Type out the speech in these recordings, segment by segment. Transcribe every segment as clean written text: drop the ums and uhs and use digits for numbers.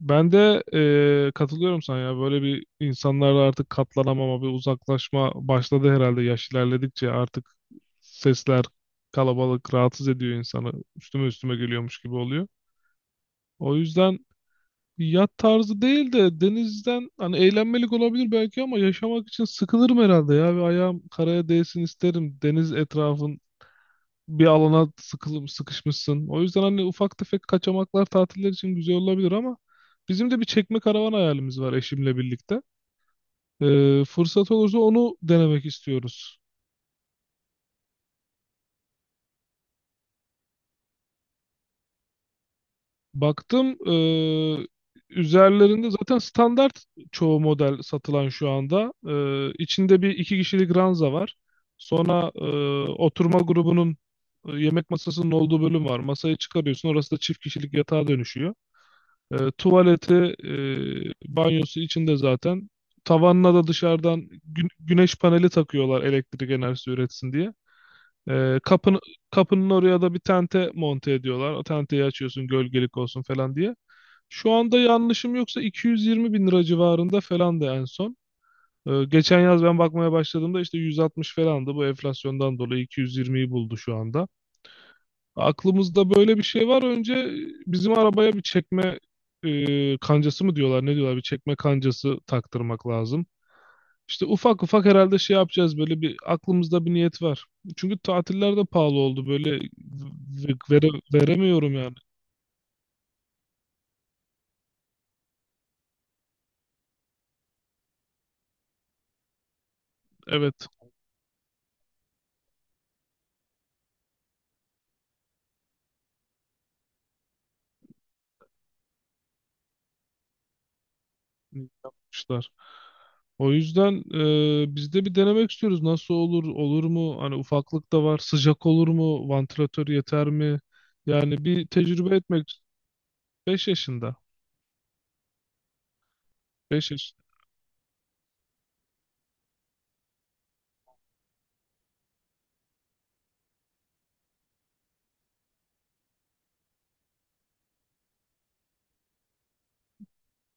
Ben de katılıyorum sana ya. Böyle bir insanlarla artık katlanamama, bir uzaklaşma başladı herhalde yaş ilerledikçe. Artık sesler, kalabalık rahatsız ediyor insanı. Üstüme üstüme geliyormuş gibi oluyor. O yüzden yat tarzı değil de denizden hani eğlenmelik olabilir belki ama yaşamak için sıkılırım herhalde ya. Ve ayağım karaya değsin isterim. Deniz etrafın bir alana sıkılıp sıkışmışsın. O yüzden hani ufak tefek kaçamaklar tatiller için güzel olabilir ama bizim de bir çekme karavan hayalimiz var eşimle birlikte. Fırsat olursa onu denemek istiyoruz. Baktım üzerlerinde zaten standart çoğu model satılan şu anda. İçinde bir iki kişilik ranza var. Sonra oturma grubunun, yemek masasının olduğu bölüm var. Masayı çıkarıyorsun orası da çift kişilik yatağa dönüşüyor. Tuvaleti, banyosu içinde zaten. Tavanına da dışarıdan güneş paneli takıyorlar elektrik enerjisi üretsin diye. E, kapın, kapının oraya da bir tente monte ediyorlar. O tenteyi açıyorsun gölgelik olsun falan diye. Şu anda yanlışım yoksa 220 bin lira civarında falan da en son. Geçen yaz ben bakmaya başladığımda işte 160 falandı. Bu enflasyondan dolayı 220'yi buldu şu anda. Aklımızda böyle bir şey var. Önce bizim arabaya bir çekme, kancası mı diyorlar ne diyorlar bir çekme kancası taktırmak lazım. İşte ufak ufak herhalde şey yapacağız, böyle bir aklımızda bir niyet var. Çünkü tatiller de pahalı oldu böyle, veremiyorum yani. Evet, yapmışlar. O yüzden biz de bir denemek istiyoruz. Nasıl olur, olur mu? Hani ufaklık da var. Sıcak olur mu? Vantilatör yeter mi? Yani bir tecrübe etmek. 5 yaşında. 5.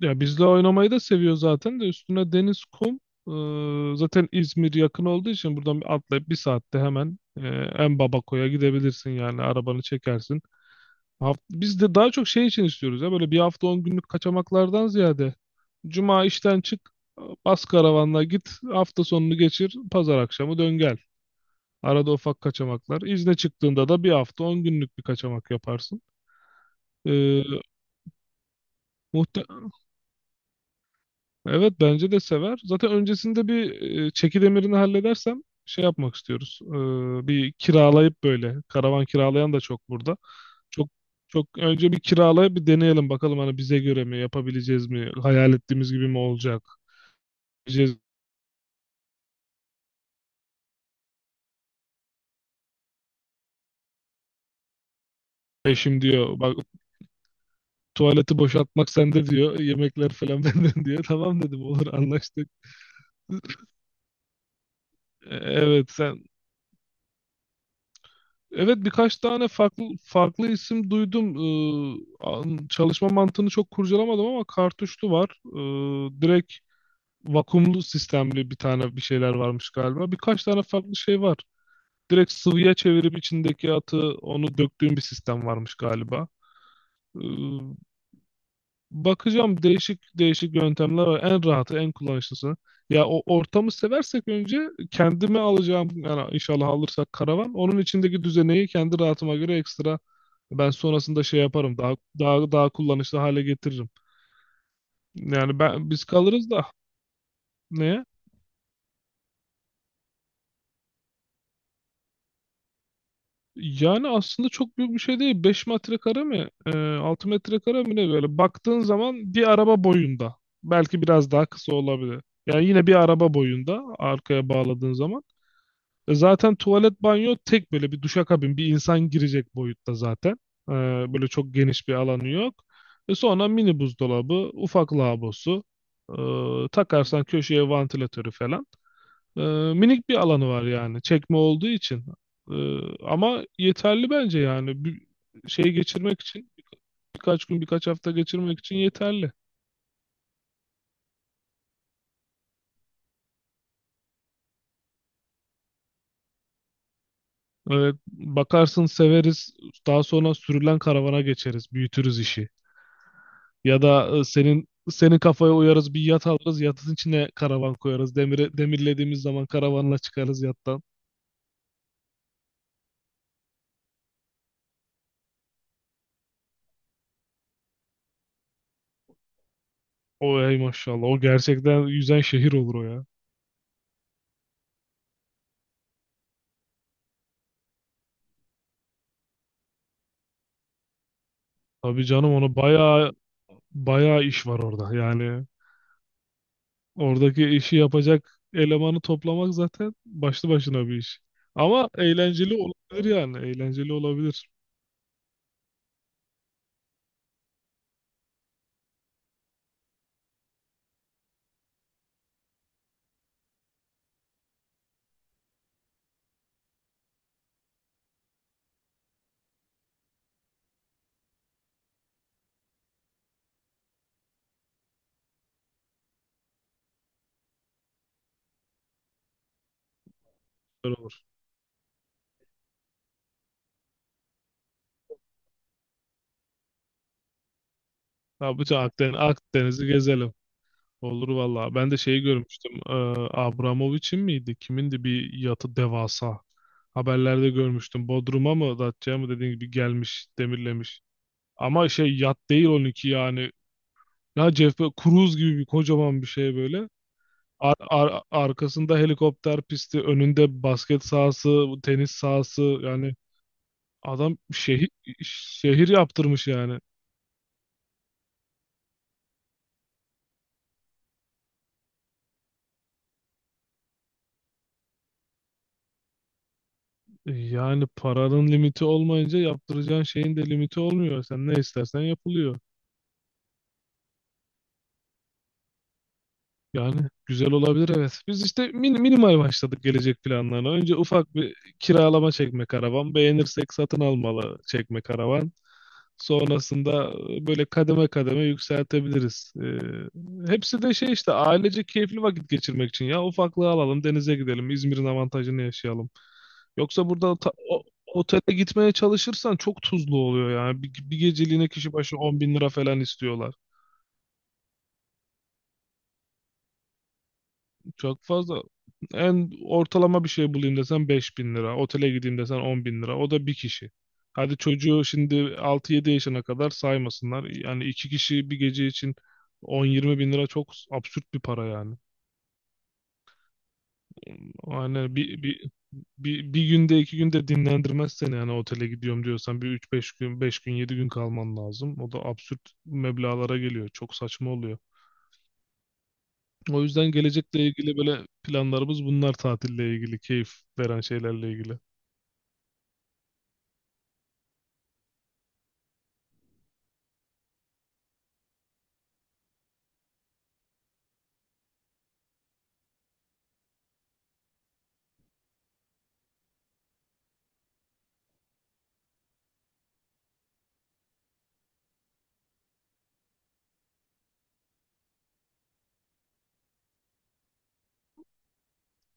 Ya bizle oynamayı da seviyor zaten de üstüne deniz, kum. Zaten İzmir yakın olduğu için buradan bir atlayıp bir saatte hemen, en Babako'ya gidebilirsin yani arabanı çekersin. Biz de daha çok şey için istiyoruz ya, böyle bir hafta 10 günlük kaçamaklardan ziyade. Cuma işten çık, bas karavanla git, hafta sonunu geçir, pazar akşamı dön gel. Arada ufak kaçamaklar. İzne çıktığında da bir hafta 10 günlük bir kaçamak yaparsın. Ee, muhte- Evet bence de sever. Zaten öncesinde bir çekidemirini halledersem şey yapmak istiyoruz. Bir kiralayıp böyle karavan kiralayan da çok burada. Çok çok önce bir kiralayıp bir deneyelim bakalım hani bize göre mi, yapabileceğiz mi? Hayal ettiğimiz gibi mi olacak? Diyeceğiz. Eşim diyor bak tuvaleti boşaltmak sende diyor. Yemekler falan benden diyor. Tamam dedim olur anlaştık. E, Evet sen Evet, birkaç tane farklı farklı isim duydum. Çalışma mantığını çok kurcalamadım ama kartuşlu var. Direkt vakumlu sistemli bir tane bir şeyler varmış galiba. Birkaç tane farklı şey var. Direkt sıvıya çevirip içindeki atı onu döktüğün bir sistem varmış galiba. Ee, Bakacağım, değişik değişik yöntemler var. En rahatı, en kullanışlısı. Ya o ortamı seversek önce kendime alacağım yani, inşallah alırsak karavan. Onun içindeki düzeneyi kendi rahatıma göre ekstra ben sonrasında şey yaparım. Daha kullanışlı hale getiririm. Yani biz kalırız da. Neye? Yani aslında çok büyük bir şey değil. 5 metrekare mi? 6 metrekare mi ne böyle? Baktığın zaman bir araba boyunda. Belki biraz daha kısa olabilir. Yani yine bir araba boyunda arkaya bağladığın zaman. Zaten tuvalet banyo tek böyle bir duşakabin, bir insan girecek boyutta zaten. E, Böyle çok geniş bir alanı yok. Sonra mini buzdolabı, ufak lavabosu, takarsan köşeye vantilatörü falan. E, Minik bir alanı var yani çekme olduğu için. E, Ama yeterli bence, yani bir şey geçirmek için, birkaç gün birkaç hafta geçirmek için yeterli. Evet, bakarsın severiz. Daha sonra sürülen karavana geçeriz, büyütürüz işi. Ya da senin kafaya uyarız bir yat alırız. Yatın içine karavan koyarız. Demiri, demirlediğimiz zaman karavanla çıkarız yattan. O ey maşallah. O gerçekten yüzen şehir olur o ya. Tabii canım, onu bayağı bayağı iş var orada. Yani oradaki işi yapacak elemanı toplamak zaten başlı başına bir iş. Ama eğlenceli olabilir yani. Eğlenceli olabilir. Güzel olur. Ya bütün Akdeniz'i gezelim. Olur valla. Ben de şeyi görmüştüm. Abramovich'in miydi? Kimindi bir yatı, devasa. Haberlerde görmüştüm. Bodrum'a mı Datça'ya mı, dediğin gibi gelmiş, demirlemiş. Ama şey, yat değil onunki yani. Ne, Cruise gibi bir kocaman bir şey böyle. Arkasında helikopter pisti, önünde basket sahası, tenis sahası. Yani adam şehir şehir yaptırmış yani. Yani paranın limiti olmayınca yaptıracağın şeyin de limiti olmuyor. Sen ne istersen yapılıyor. Yani güzel olabilir, evet. Biz işte minimal başladık gelecek planlarına. Önce ufak bir kiralama çekme karavan. Beğenirsek satın almalı çekme karavan. Sonrasında böyle kademe kademe yükseltebiliriz. Hepsi de şey işte, ailece keyifli vakit geçirmek için ya. Ufaklığı alalım, denize gidelim, İzmir'in avantajını yaşayalım. Yoksa burada otele gitmeye çalışırsan çok tuzlu oluyor yani. Bir geceliğine kişi başı 10 bin lira falan istiyorlar. Çok fazla. En ortalama bir şey bulayım desen 5 bin lira. Otele gideyim desen 10 bin lira. O da bir kişi. Hadi çocuğu şimdi altı yedi yaşına kadar saymasınlar. Yani iki kişi bir gece için 10-20 bin lira çok absürt bir para yani. Yani bir günde iki günde dinlendirmez seni, yani otele gidiyorum diyorsan bir üç beş gün beş gün 7 gün kalman lazım. O da absürt meblağlara geliyor. Çok saçma oluyor. O yüzden gelecekle ilgili böyle planlarımız bunlar, tatille ilgili, keyif veren şeylerle ilgili.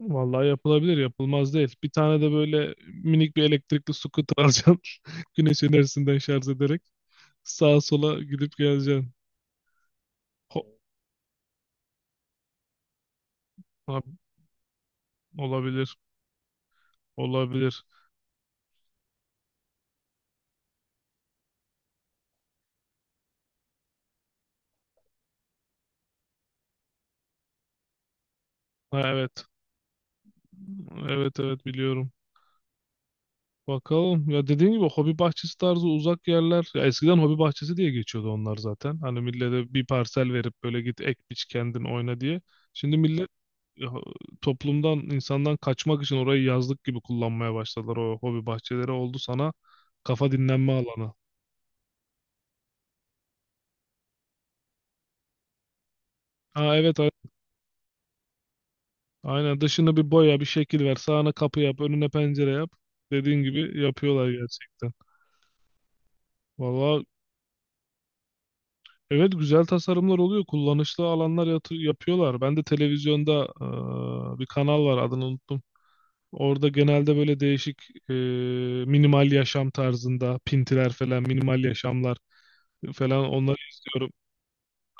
Vallahi yapılabilir, yapılmaz değil. Bir tane de böyle minik bir elektrikli scooter alacaksın. Güneş enerjisinden şarj ederek sağa sola gidip geleceksin. Ho- ha, olabilir, olabilir. Ha, evet, evet, evet biliyorum. Bakalım. Ya dediğin gibi hobi bahçesi tarzı uzak yerler. Ya eskiden hobi bahçesi diye geçiyordu onlar zaten. Hani millete bir parsel verip böyle git ek biç kendin oyna diye. Şimdi millet ya, toplumdan, insandan kaçmak için orayı yazlık gibi kullanmaya başladılar, o hobi bahçeleri oldu sana kafa dinlenme alanı. Ha evet, aynen, dışını bir boya bir şekil ver, sağına kapı yap önüne pencere yap, dediğin gibi yapıyorlar gerçekten. Valla evet, güzel tasarımlar oluyor, kullanışlı alanlar yapıyorlar. Ben de televizyonda, bir kanal var adını unuttum. Orada genelde böyle değişik, eee, minimal yaşam tarzında pintiler falan, minimal yaşamlar falan, onları izliyorum.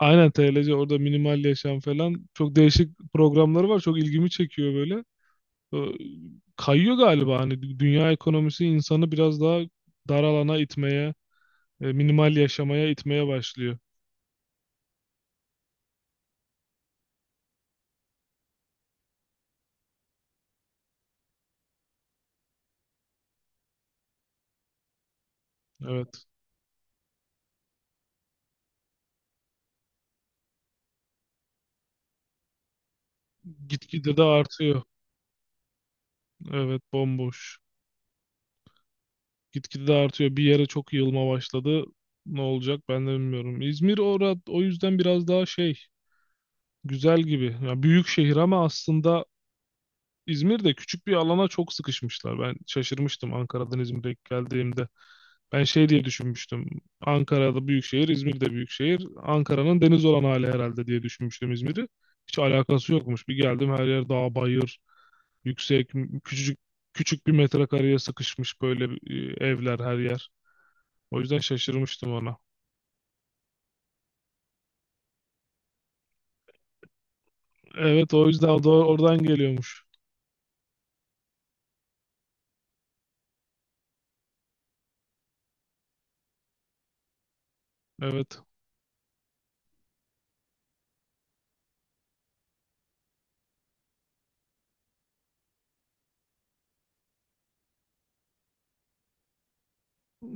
Aynen TLC, orada minimal yaşam falan çok değişik programları var. Çok ilgimi çekiyor böyle. Ee, Kayıyor galiba hani dünya ekonomisi insanı biraz daha dar alana itmeye, minimal yaşamaya itmeye başlıyor. Evet. Gitgide de artıyor. Evet, bomboş. Gitgide de artıyor. Bir yere çok yığılma başladı. Ne olacak ben de bilmiyorum. İzmir orada o yüzden biraz daha şey, güzel gibi. Ya büyük şehir ama aslında İzmir'de küçük bir alana çok sıkışmışlar. Ben şaşırmıştım Ankara'dan İzmir'e geldiğimde. Ben şey diye düşünmüştüm. Ankara'da büyük şehir, İzmir'de büyük şehir. Ankara'nın deniz olan hali herhalde diye düşünmüştüm İzmir'i. Hiç alakası yokmuş. Bir geldim her yer dağ, bayır, yüksek, küçücük küçük bir metrekareye sıkışmış böyle, evler her yer. O yüzden şaşırmıştım ona. Evet, o yüzden o da oradan geliyormuş. Evet.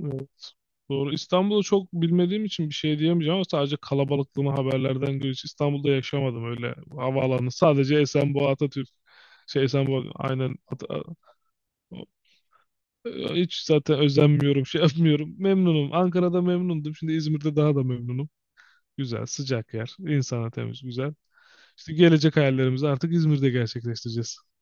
Evet. Doğru. İstanbul'u çok bilmediğim için bir şey diyemeyeceğim ama sadece kalabalıklığını haberlerden görüyoruz. İstanbul'da yaşamadım, öyle havaalanı sadece Esenboğa Atatürk. Şey Esenboğa aynen. O- Hiç zaten özenmiyorum, şey yapmıyorum. Memnunum. Ankara'da memnundum. Şimdi İzmir'de daha da memnunum. Güzel, sıcak yer. İnsana temiz, güzel. İşte gelecek hayallerimizi artık İzmir'de gerçekleştireceğiz.